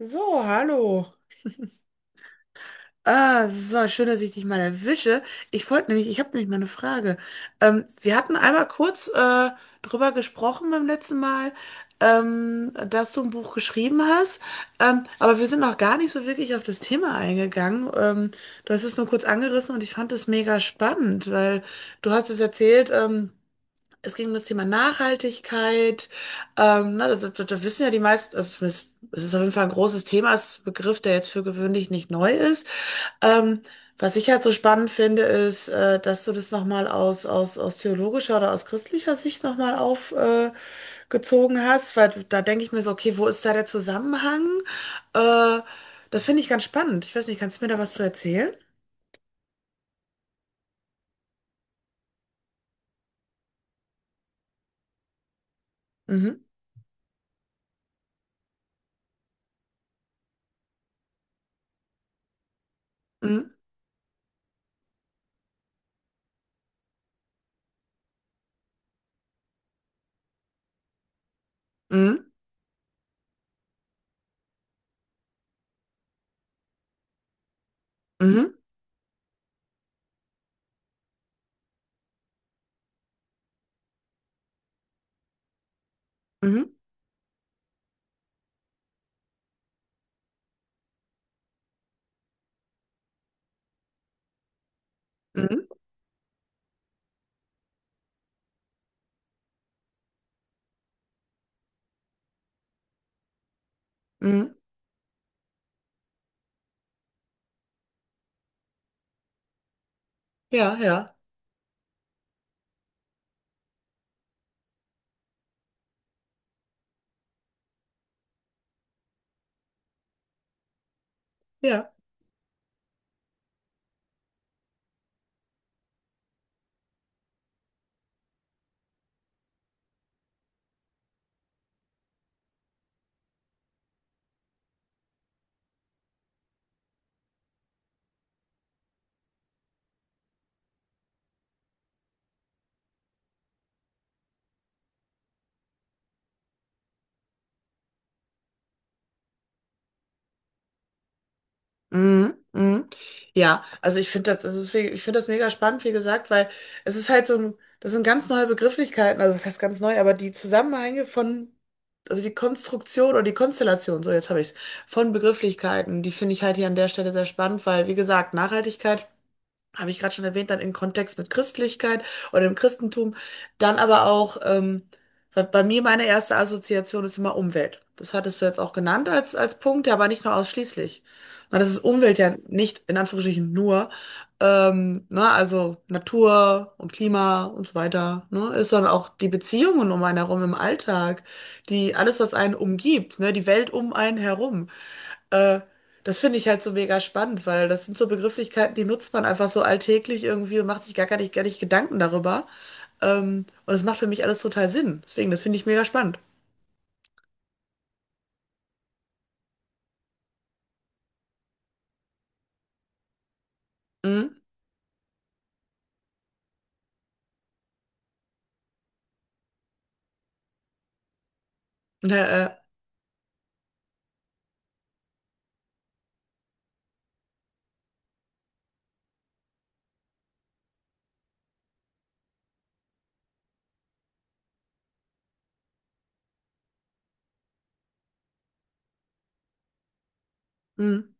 So, hallo. Ah, so, schön, dass ich dich mal erwische. Ich habe nämlich mal eine Frage. Wir hatten einmal kurz drüber gesprochen beim letzten Mal, dass du ein Buch geschrieben hast, aber wir sind noch gar nicht so wirklich auf das Thema eingegangen. Du hast es nur kurz angerissen und ich fand es mega spannend, weil du hast es erzählt, es ging um das Thema Nachhaltigkeit. Na, das wissen ja die meisten, also es ist auf jeden Fall ein großes Thema, es ist ein Begriff, der jetzt für gewöhnlich nicht neu ist. Ähm, was ich halt so spannend finde, ist, dass du das nochmal aus theologischer oder aus christlicher Sicht nochmal aufgezogen gezogen hast, weil da denke ich mir so, okay, wo ist da der Zusammenhang? Äh, das finde ich ganz spannend. Ich weiß nicht, kannst du mir da was zu erzählen? Mhm, mhm, mhm, mhm, mhm, mhm, mhm. Ja, ja, ja. Mhm, mhm. Ja, also ich finde das mega spannend, wie gesagt, weil es ist halt so ein, das sind ganz neue Begrifflichkeiten, also das heißt ganz neu, aber die Zusammenhänge von, also die Konstruktion oder die Konstellation, so jetzt habe ich es, von Begrifflichkeiten, die finde ich halt hier an der Stelle sehr spannend, weil, wie gesagt, Nachhaltigkeit habe ich gerade schon erwähnt, dann im Kontext mit Christlichkeit oder im Christentum. Dann aber auch, weil bei mir meine erste Assoziation ist immer Umwelt. Das hattest du jetzt auch genannt als Punkt, ja, aber nicht nur ausschließlich. Na, das ist Umwelt ja nicht in Anführungsstrichen nur, ne, also Natur und Klima und so weiter, ne, ist sondern auch die Beziehungen um einen herum im Alltag, die alles, was einen umgibt, ne, die Welt um einen herum. Äh, das finde ich halt so mega spannend, weil das sind so Begrifflichkeiten, die nutzt man einfach so alltäglich irgendwie und macht sich gar nicht Gedanken darüber. Und das macht für mich alles total Sinn. Deswegen, das finde ich mega spannend. Mhm. Ja, äh, mhm.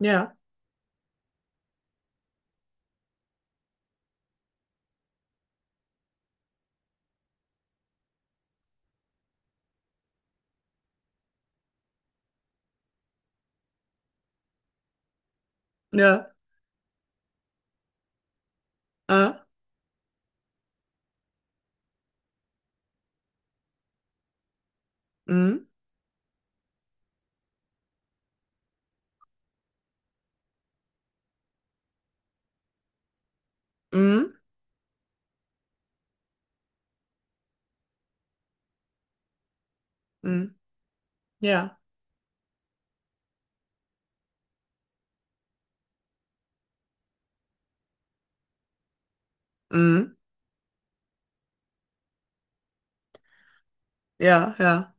Ja, ja, äh, mhm. Mhm. Mhm. Ja, mhm. Ja, ja,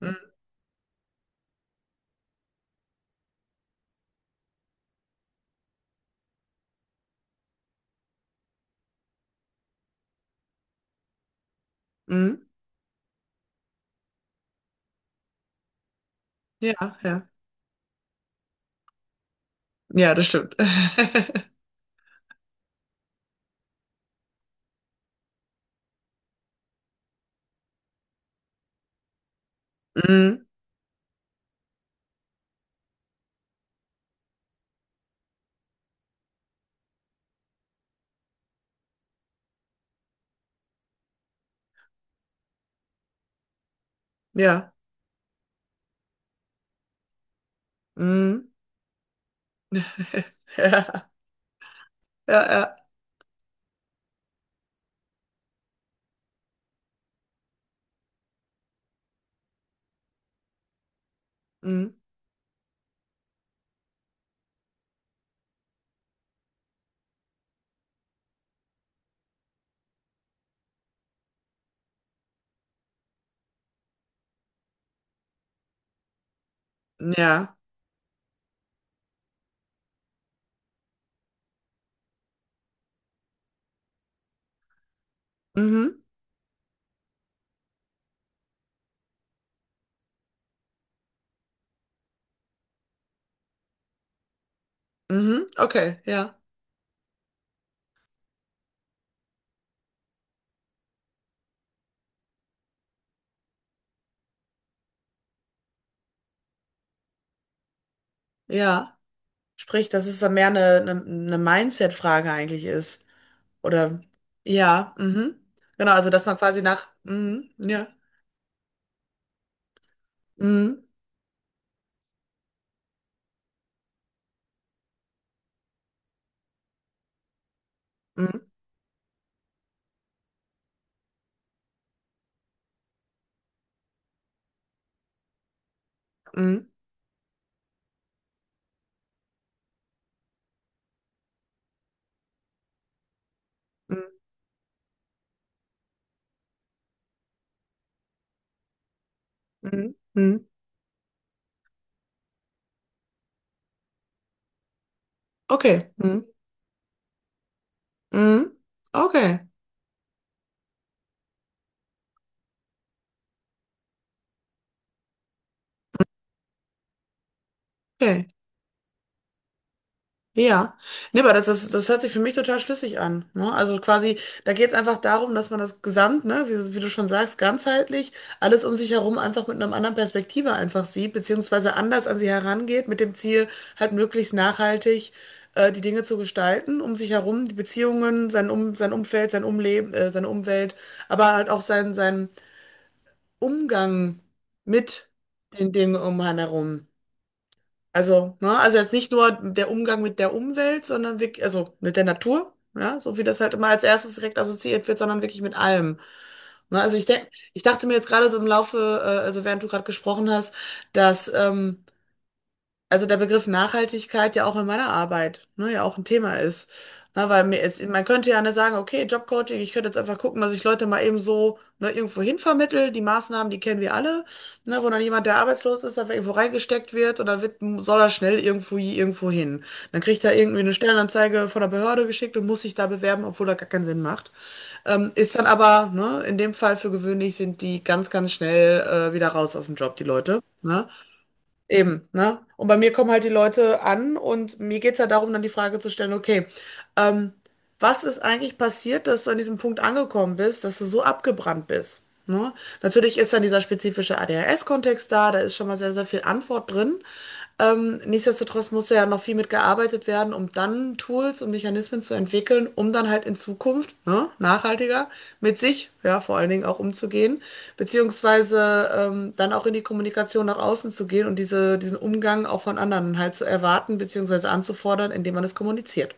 mhm. Mhm. Ja, ja, ja, das stimmt. Mhm. Ja, mhm. Ja, ja, ja, mhm. Ja, mhm. Mhm. Okay, ja, ja. Sprich, dass es dann mehr eine Mindset-Frage eigentlich ist. Oder ja, mhm. Genau, also dass man quasi nach, mhm, ja, mhm, mhm, mhm, mhm, mhm. Mhm. Okay, mhm, mhm. Okay, okay. Ja, nee, aber das hört sich für mich total schlüssig an. Ne? Also quasi, da geht es einfach darum, dass man das Gesamt, ne, wie du schon sagst, ganzheitlich, alles um sich herum einfach mit einer anderen Perspektive einfach sieht, beziehungsweise anders an sie herangeht, mit dem Ziel, halt möglichst nachhaltig die Dinge zu gestalten, um sich herum, die Beziehungen, sein Umfeld, sein Umleben, seine Umwelt, aber halt auch sein Umgang mit den Dingen um einen herum. Also, ne, also jetzt nicht nur der Umgang mit der Umwelt, sondern wirklich, also mit der Natur, ja, so wie das halt immer als erstes direkt assoziiert wird, sondern wirklich mit allem. Ne, also ich denke, ich dachte mir jetzt gerade so im Laufe, also während du gerade gesprochen hast, dass also der Begriff Nachhaltigkeit ja auch in meiner Arbeit, ne, ja auch ein Thema ist. Na, weil mir ist, man könnte ja nicht sagen, okay, Jobcoaching, ich könnte jetzt einfach gucken, dass ich Leute mal eben so ne, irgendwo hin vermittle. Die Maßnahmen, die kennen wir alle, ne, wo dann jemand, der arbeitslos ist, einfach irgendwo reingesteckt wird und dann wird, soll er schnell irgendwo hin. Dann kriegt er irgendwie eine Stellenanzeige von der Behörde geschickt und muss sich da bewerben, obwohl er gar keinen Sinn macht. Ist dann aber, ne, in dem Fall für gewöhnlich sind die ganz, ganz schnell wieder raus aus dem Job, die Leute. Ne? Eben, ne? Und bei mir kommen halt die Leute an und mir geht es ja darum, dann die Frage zu stellen, okay, ähm, was ist eigentlich passiert, dass du an diesem Punkt angekommen bist, dass du so abgebrannt bist? Ne? Natürlich ist dann dieser spezifische ADHS-Kontext da, da ist schon mal sehr, sehr viel Antwort drin. Nichtsdestotrotz muss ja noch viel mit gearbeitet werden, um dann Tools und Mechanismen zu entwickeln, um dann halt in Zukunft, ne, nachhaltiger mit sich, ja, vor allen Dingen auch umzugehen, beziehungsweise dann auch in die Kommunikation nach außen zu gehen und diesen Umgang auch von anderen halt zu erwarten, beziehungsweise anzufordern, indem man es kommuniziert.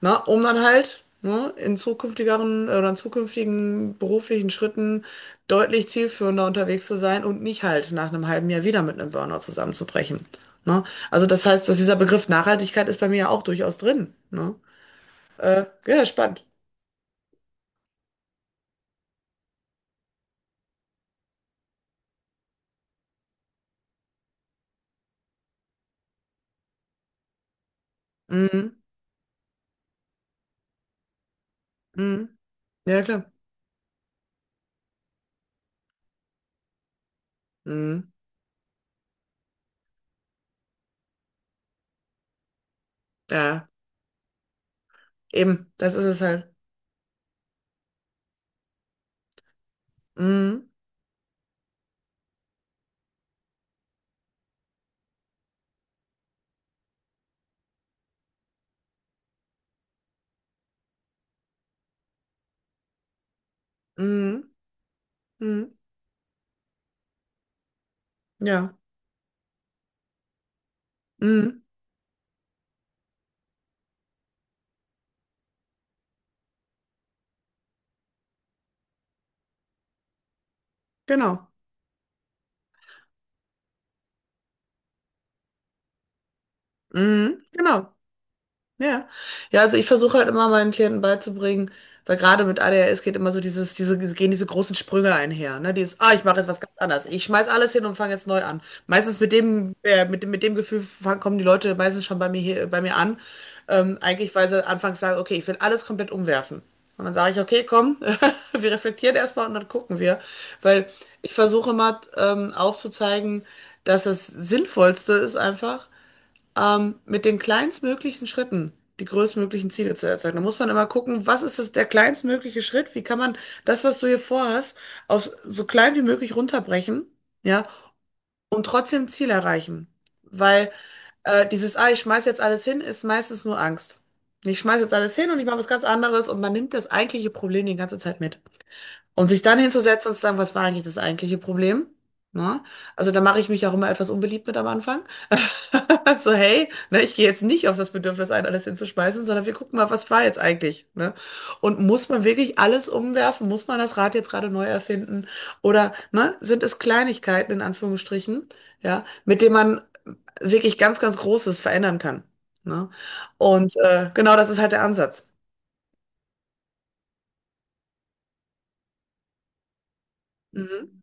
Na, um dann halt ne, in zukünftigeren oder in zukünftigen beruflichen Schritten deutlich zielführender unterwegs zu sein und nicht halt nach einem halben Jahr wieder mit einem Burnout zusammenzubrechen. Ne? Also das heißt, dass dieser Begriff Nachhaltigkeit ist bei mir ja auch durchaus drin. Ne? Ja, ja, spannend. Mhm. Mhm. Ja, klar. Mhm. Ja, eben, das ist es halt. Mhm. Mhm. Mhm. Ja. Mhm. Genau. Mhm. Genau. Ja. Ja, also ich versuche halt immer meinen Klienten beizubringen, weil gerade mit A D H S geht immer so gehen diese großen Sprünge einher, ne? Dieses, ah, ich mache jetzt was ganz anderes. Ich schmeiß alles hin und fange jetzt neu an. Meistens mit dem Gefühl kommen die Leute meistens schon bei mir hier, bei mir an. Eigentlich, weil sie anfangs sagen, okay, ich will alles komplett umwerfen. Und dann sage ich, okay, komm, wir reflektieren erstmal und dann gucken wir. Weil ich versuche mal aufzuzeigen, dass das Sinnvollste ist einfach, mit den kleinstmöglichen Schritten die größtmöglichen Ziele zu erzeugen. Da muss man immer gucken, was ist das, der kleinstmögliche Schritt? Wie kann man das, was du hier vorhast, aus so klein wie möglich runterbrechen, ja, und trotzdem Ziel erreichen. Weil dieses, ah, ich schmeiß jetzt alles hin, ist meistens nur Angst. Ich schmeiß jetzt alles hin und ich mache was ganz anderes und man nimmt das eigentliche Problem die ganze Zeit mit. Und sich dann hinzusetzen und zu sagen, was war eigentlich das eigentliche Problem? Ne? Also da mache ich mich auch immer etwas unbeliebt mit am Anfang. So, hey, ne, ich gehe jetzt nicht auf das Bedürfnis ein, alles hinzuschmeißen, sondern wir gucken mal, was war jetzt eigentlich? Ne? Und muss man wirklich alles umwerfen? Muss man das Rad jetzt gerade neu erfinden? Oder ne, sind es Kleinigkeiten in Anführungsstrichen, ja, mit denen man wirklich ganz, ganz Großes verändern kann? Ne? Und genau das ist halt der Ansatz. Mhm.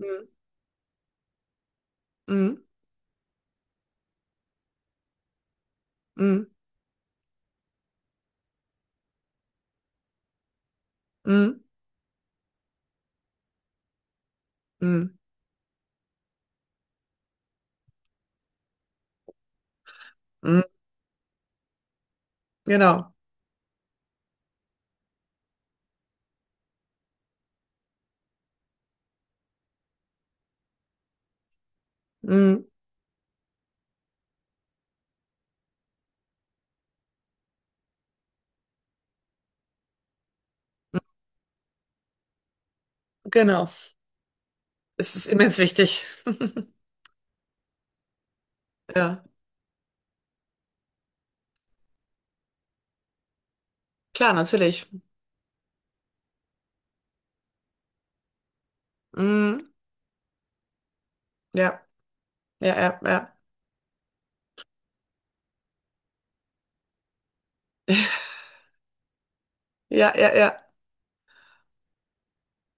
Mhm. Mhm. Mhm. Mhm. Mhm. Mhm. Genau. Mhm. Genau. Es ist immens wichtig. Ja, klar, natürlich. Mhm. Ja, ja, ja, ja. Ja, ja, ja.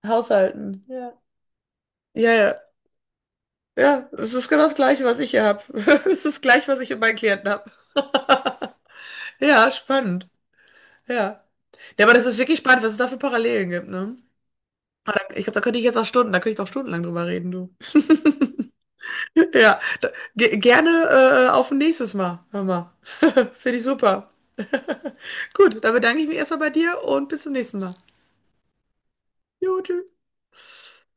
Haushalten. Ja. Ja, ja. Ja, es ist genau das Gleiche, was ich hier habe. Es ist gleich, was ich mit meinen Klienten habe. Ja, spannend. Ja. Ja, aber das ist wirklich spannend, was es da für Parallelen gibt, ne? Aber Ich glaube, da könnte ich auch stundenlang drüber reden, du. Ja, da, ge gerne auf ein nächstes Mal. Hör mal. Finde ich super. Gut, dann bedanke ich mich erstmal bei dir und bis zum nächsten Mal. Jo, tschüss.